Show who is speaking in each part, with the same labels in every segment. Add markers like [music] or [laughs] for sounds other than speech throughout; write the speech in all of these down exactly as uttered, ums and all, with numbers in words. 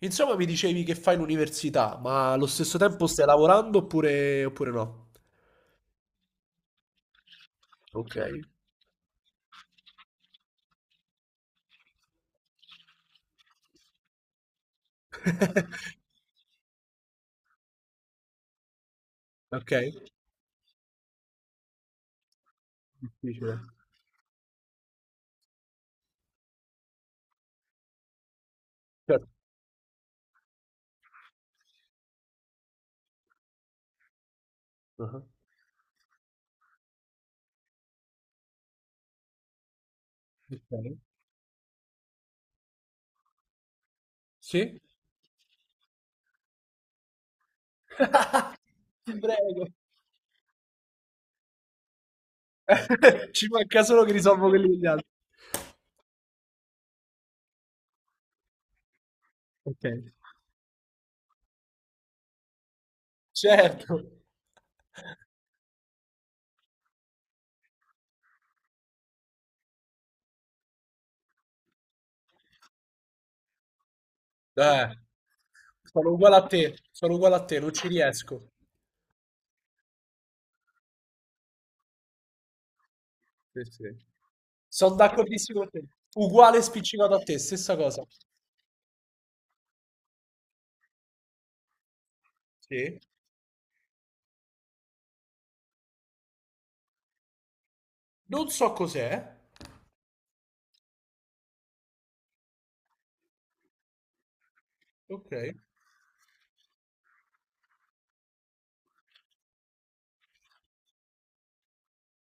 Speaker 1: Insomma, mi dicevi che fai l'università, ma allo stesso tempo stai lavorando oppure, oppure no? Ok, ok, difficile. Certo. Ah, ok. Sì? Ti prego. [laughs] Ci manca solo che risolvo quelli degli altri. Ok. Certo. Eh, sono uguale a te, sono uguale a te, non ci riesco. Sì, sì. Sono d'accordissimo con te. Uguale spiccicato a te, stessa cosa. Sì. Non so cos'è. Ok.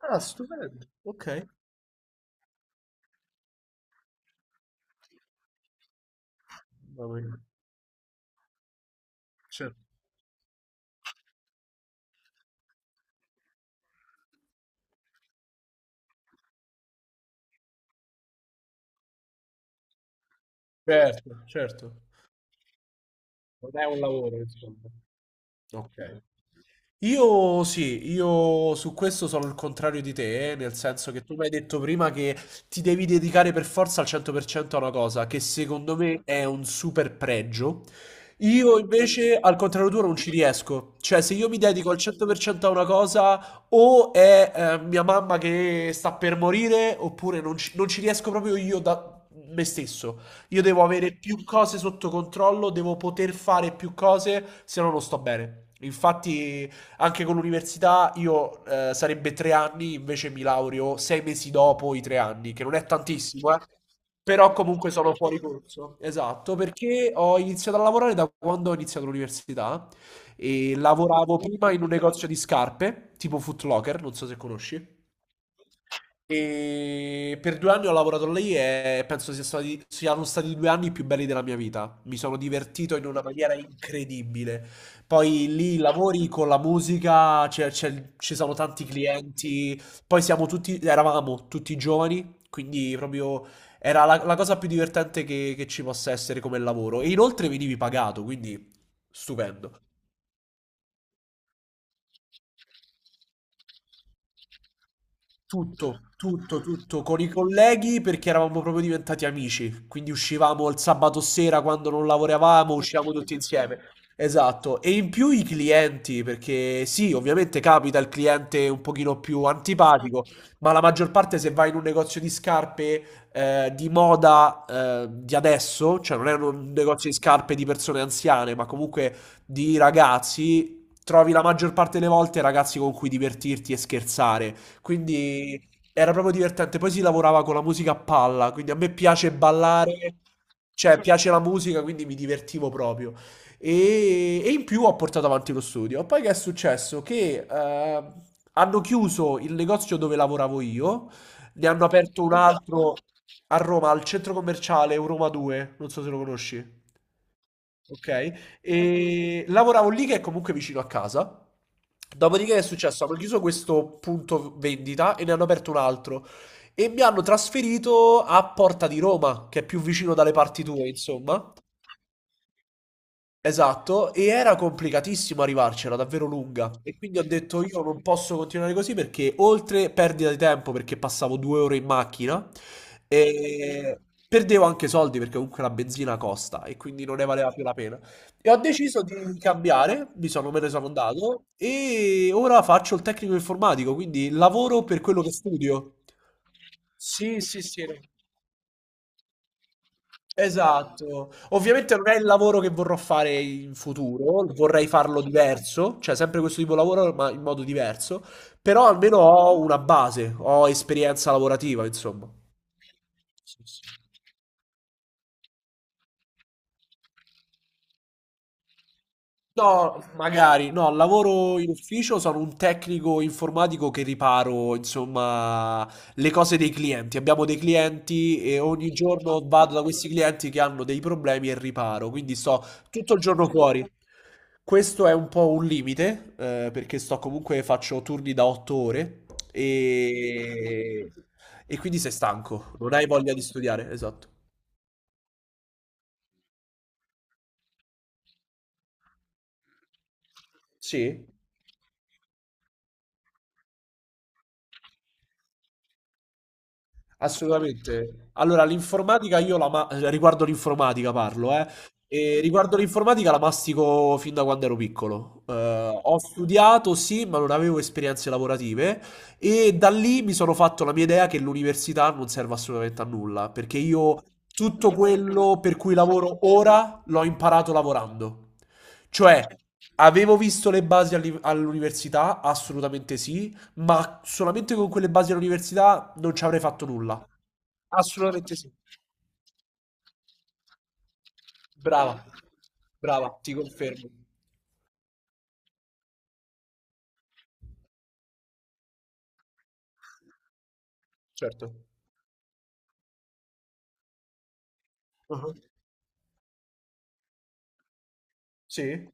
Speaker 1: Ah, stupendo. Ok. Mamma mia. Certo, certo. Non è un lavoro insomma. Okay. Io sì, io su questo sono il contrario di te, eh, nel senso che tu mi hai detto prima che ti devi dedicare per forza al cento per cento a una cosa, che secondo me è un super pregio. Io invece, al contrario tuo, non ci riesco. Cioè, se io mi dedico al cento per cento a una cosa, o è eh, mia mamma che sta per morire, oppure non ci, non ci riesco proprio io da me stesso. Io devo avere più cose sotto controllo, devo poter fare più cose, se no non sto bene. Infatti... Anche con l'università io eh, sarebbe tre anni, invece mi laureo sei mesi dopo i tre anni, che non è tantissimo, eh. Però comunque sono fuori corso. Esatto, perché ho iniziato a lavorare da quando ho iniziato l'università e lavoravo prima in un negozio di scarpe, tipo Foot Locker, non so se conosci. E per due anni ho lavorato lì e penso sia stati- siano stati i due anni più belli della mia vita. Mi sono divertito in una maniera incredibile. Poi lì lavori con la musica, c'è- c'è- ci sono tanti clienti, poi siamo tutti, eravamo tutti giovani, quindi proprio era la, la cosa più divertente che, che ci possa essere come lavoro. E inoltre venivi pagato, quindi stupendo. Tutto, tutto, tutto con i colleghi perché eravamo proprio diventati amici, quindi uscivamo il sabato sera quando non lavoravamo, uscivamo tutti insieme. Esatto, e in più i clienti, perché sì, ovviamente capita il cliente un pochino più antipatico, ma la maggior parte se vai in un negozio di scarpe eh, di moda eh, di adesso, cioè non è un negozio di scarpe di persone anziane, ma comunque di ragazzi, trovi la maggior parte delle volte ragazzi con cui divertirti e scherzare. Quindi era proprio divertente. Poi si lavorava con la musica a palla, quindi a me piace ballare, cioè piace la musica, quindi mi divertivo proprio. E, e in più ho portato avanti lo studio. Poi che è successo? Che eh, hanno chiuso il negozio dove lavoravo io, ne hanno aperto un altro a Roma, al centro commerciale Euroma due, non so se lo conosci. Ok, e lavoravo lì che è comunque vicino a casa. Dopodiché è successo? Hanno chiuso questo punto vendita e ne hanno aperto un altro e mi hanno trasferito a Porta di Roma, che è più vicino dalle parti tue, insomma. Esatto, e era complicatissimo arrivarcela, davvero lunga. E quindi ho detto io non posso continuare così perché oltre perdita di tempo perché passavo due ore in macchina, e perdevo anche soldi perché comunque la benzina costa e quindi non ne valeva più la pena. E ho deciso di cambiare, mi sono, me ne sono andato e ora faccio il tecnico informatico, quindi lavoro per quello che studio. Sì, sì, sì. No. Esatto. Ovviamente non è il lavoro che vorrò fare in futuro, vorrei farlo diverso, cioè sempre questo tipo di lavoro ma in modo diverso, però almeno ho una base, ho esperienza lavorativa, insomma. Sì, sì. No, magari, no, lavoro in ufficio, sono un tecnico informatico che riparo, insomma, le cose dei clienti. Abbiamo dei clienti e ogni giorno vado da questi clienti che hanno dei problemi e riparo, quindi sto tutto il giorno fuori. Questo è un po' un limite, eh, perché sto comunque faccio turni da otto ore e... e quindi sei stanco, non hai voglia di studiare, esatto. Sì? Assolutamente. Allora, l'informatica io la ma- riguardo l'informatica parlo, eh. E riguardo l'informatica la mastico fin da quando ero piccolo. Eh, ho studiato, sì, ma non avevo esperienze lavorative e da lì mi sono fatto la mia idea che l'università non serve assolutamente a nulla, perché io tutto quello per cui lavoro ora l'ho imparato lavorando. Cioè, avevo visto le basi all'i- all'università, assolutamente sì, ma solamente con quelle basi all'università non ci avrei fatto nulla. Assolutamente sì. Brava, brava, ti confermo. Certo. Ah. Sì?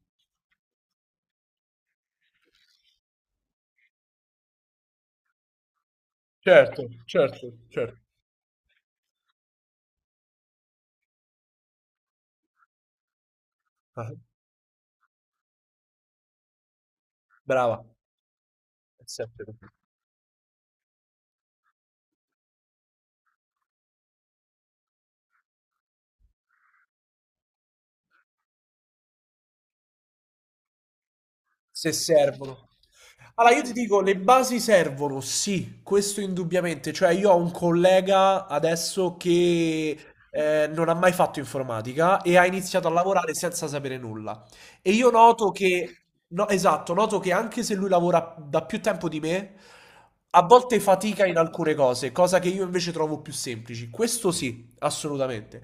Speaker 1: Certo, certo, certo. Ah. Brava, è sempre così. Se servono. Allora, io ti dico, le basi servono, sì, questo indubbiamente. Cioè, io ho un collega adesso che eh, non ha mai fatto informatica e ha iniziato a lavorare senza sapere nulla. E io noto che, no, esatto, noto che anche se lui lavora da più tempo di me, a volte fatica in alcune cose, cosa che io invece trovo più semplici. Questo sì, assolutamente.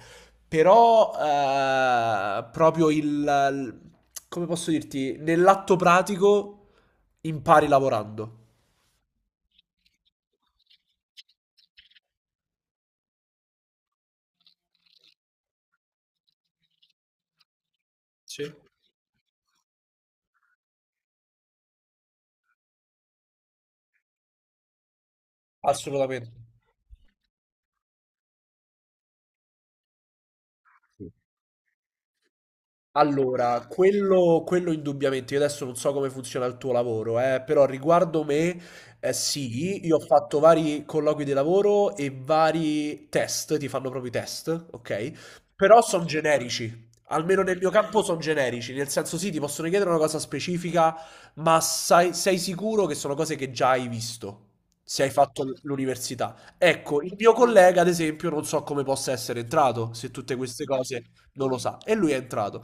Speaker 1: Però eh, proprio il, il- come posso dirti, nell'atto pratico impari lavorando. Sì. Assolutamente. Allora, quello, quello indubbiamente, io adesso non so come funziona il tuo lavoro, eh, però riguardo me, eh, sì, io ho fatto vari colloqui di lavoro e vari test, ti fanno proprio i test, ok? Però sono generici, almeno nel mio campo sono generici, nel senso sì, ti possono chiedere una cosa specifica, ma sai- sei sicuro che sono cose che già hai visto, se hai fatto l- l'università. Ecco, il mio collega, ad esempio, non so come possa essere entrato, se tutte queste cose non lo sa, e lui è entrato.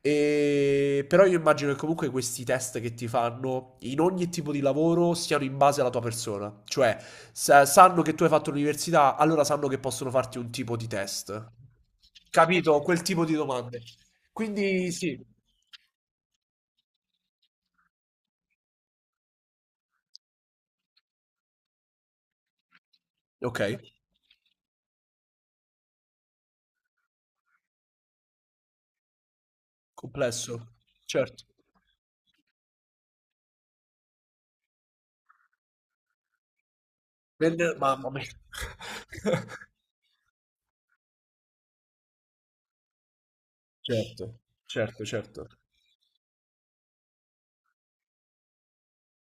Speaker 1: E... Però io immagino che comunque questi test che ti fanno in ogni tipo di lavoro siano in base alla tua persona. Cioè, sa- sanno che tu hai fatto l'università, allora sanno che possono farti un tipo di test. Capito? Quel tipo di domande. Quindi sì. Ok, complesso. Certo. Nel- Mamma mia. [laughs] Certo, certo, certo.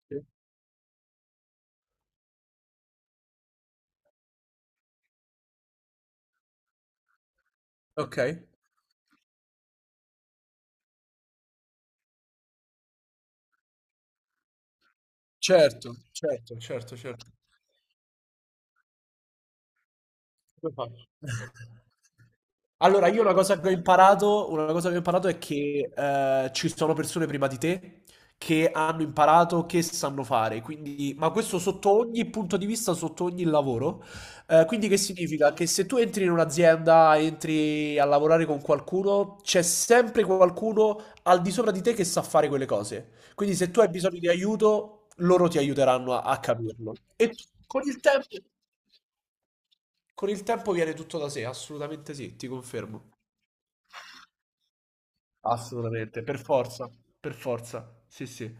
Speaker 1: Sì. Ok. Certo, certo, certo, certo. Come faccio? Allora, io una cosa che ho imparato, una cosa che ho imparato è che eh, ci sono persone prima di te che hanno imparato, che sanno fare, quindi, ma questo sotto ogni punto di vista, sotto ogni lavoro. Eh, quindi che significa? Che se tu entri in un'azienda, entri a lavorare con qualcuno, c'è sempre qualcuno al di sopra di te che sa fare quelle cose. Quindi se tu hai bisogno di aiuto, loro ti aiuteranno a, a capirlo. E con il tempo... Con il tempo viene tutto da sé, assolutamente sì, ti confermo. Assolutamente, per forza, per forza. Sì, sì.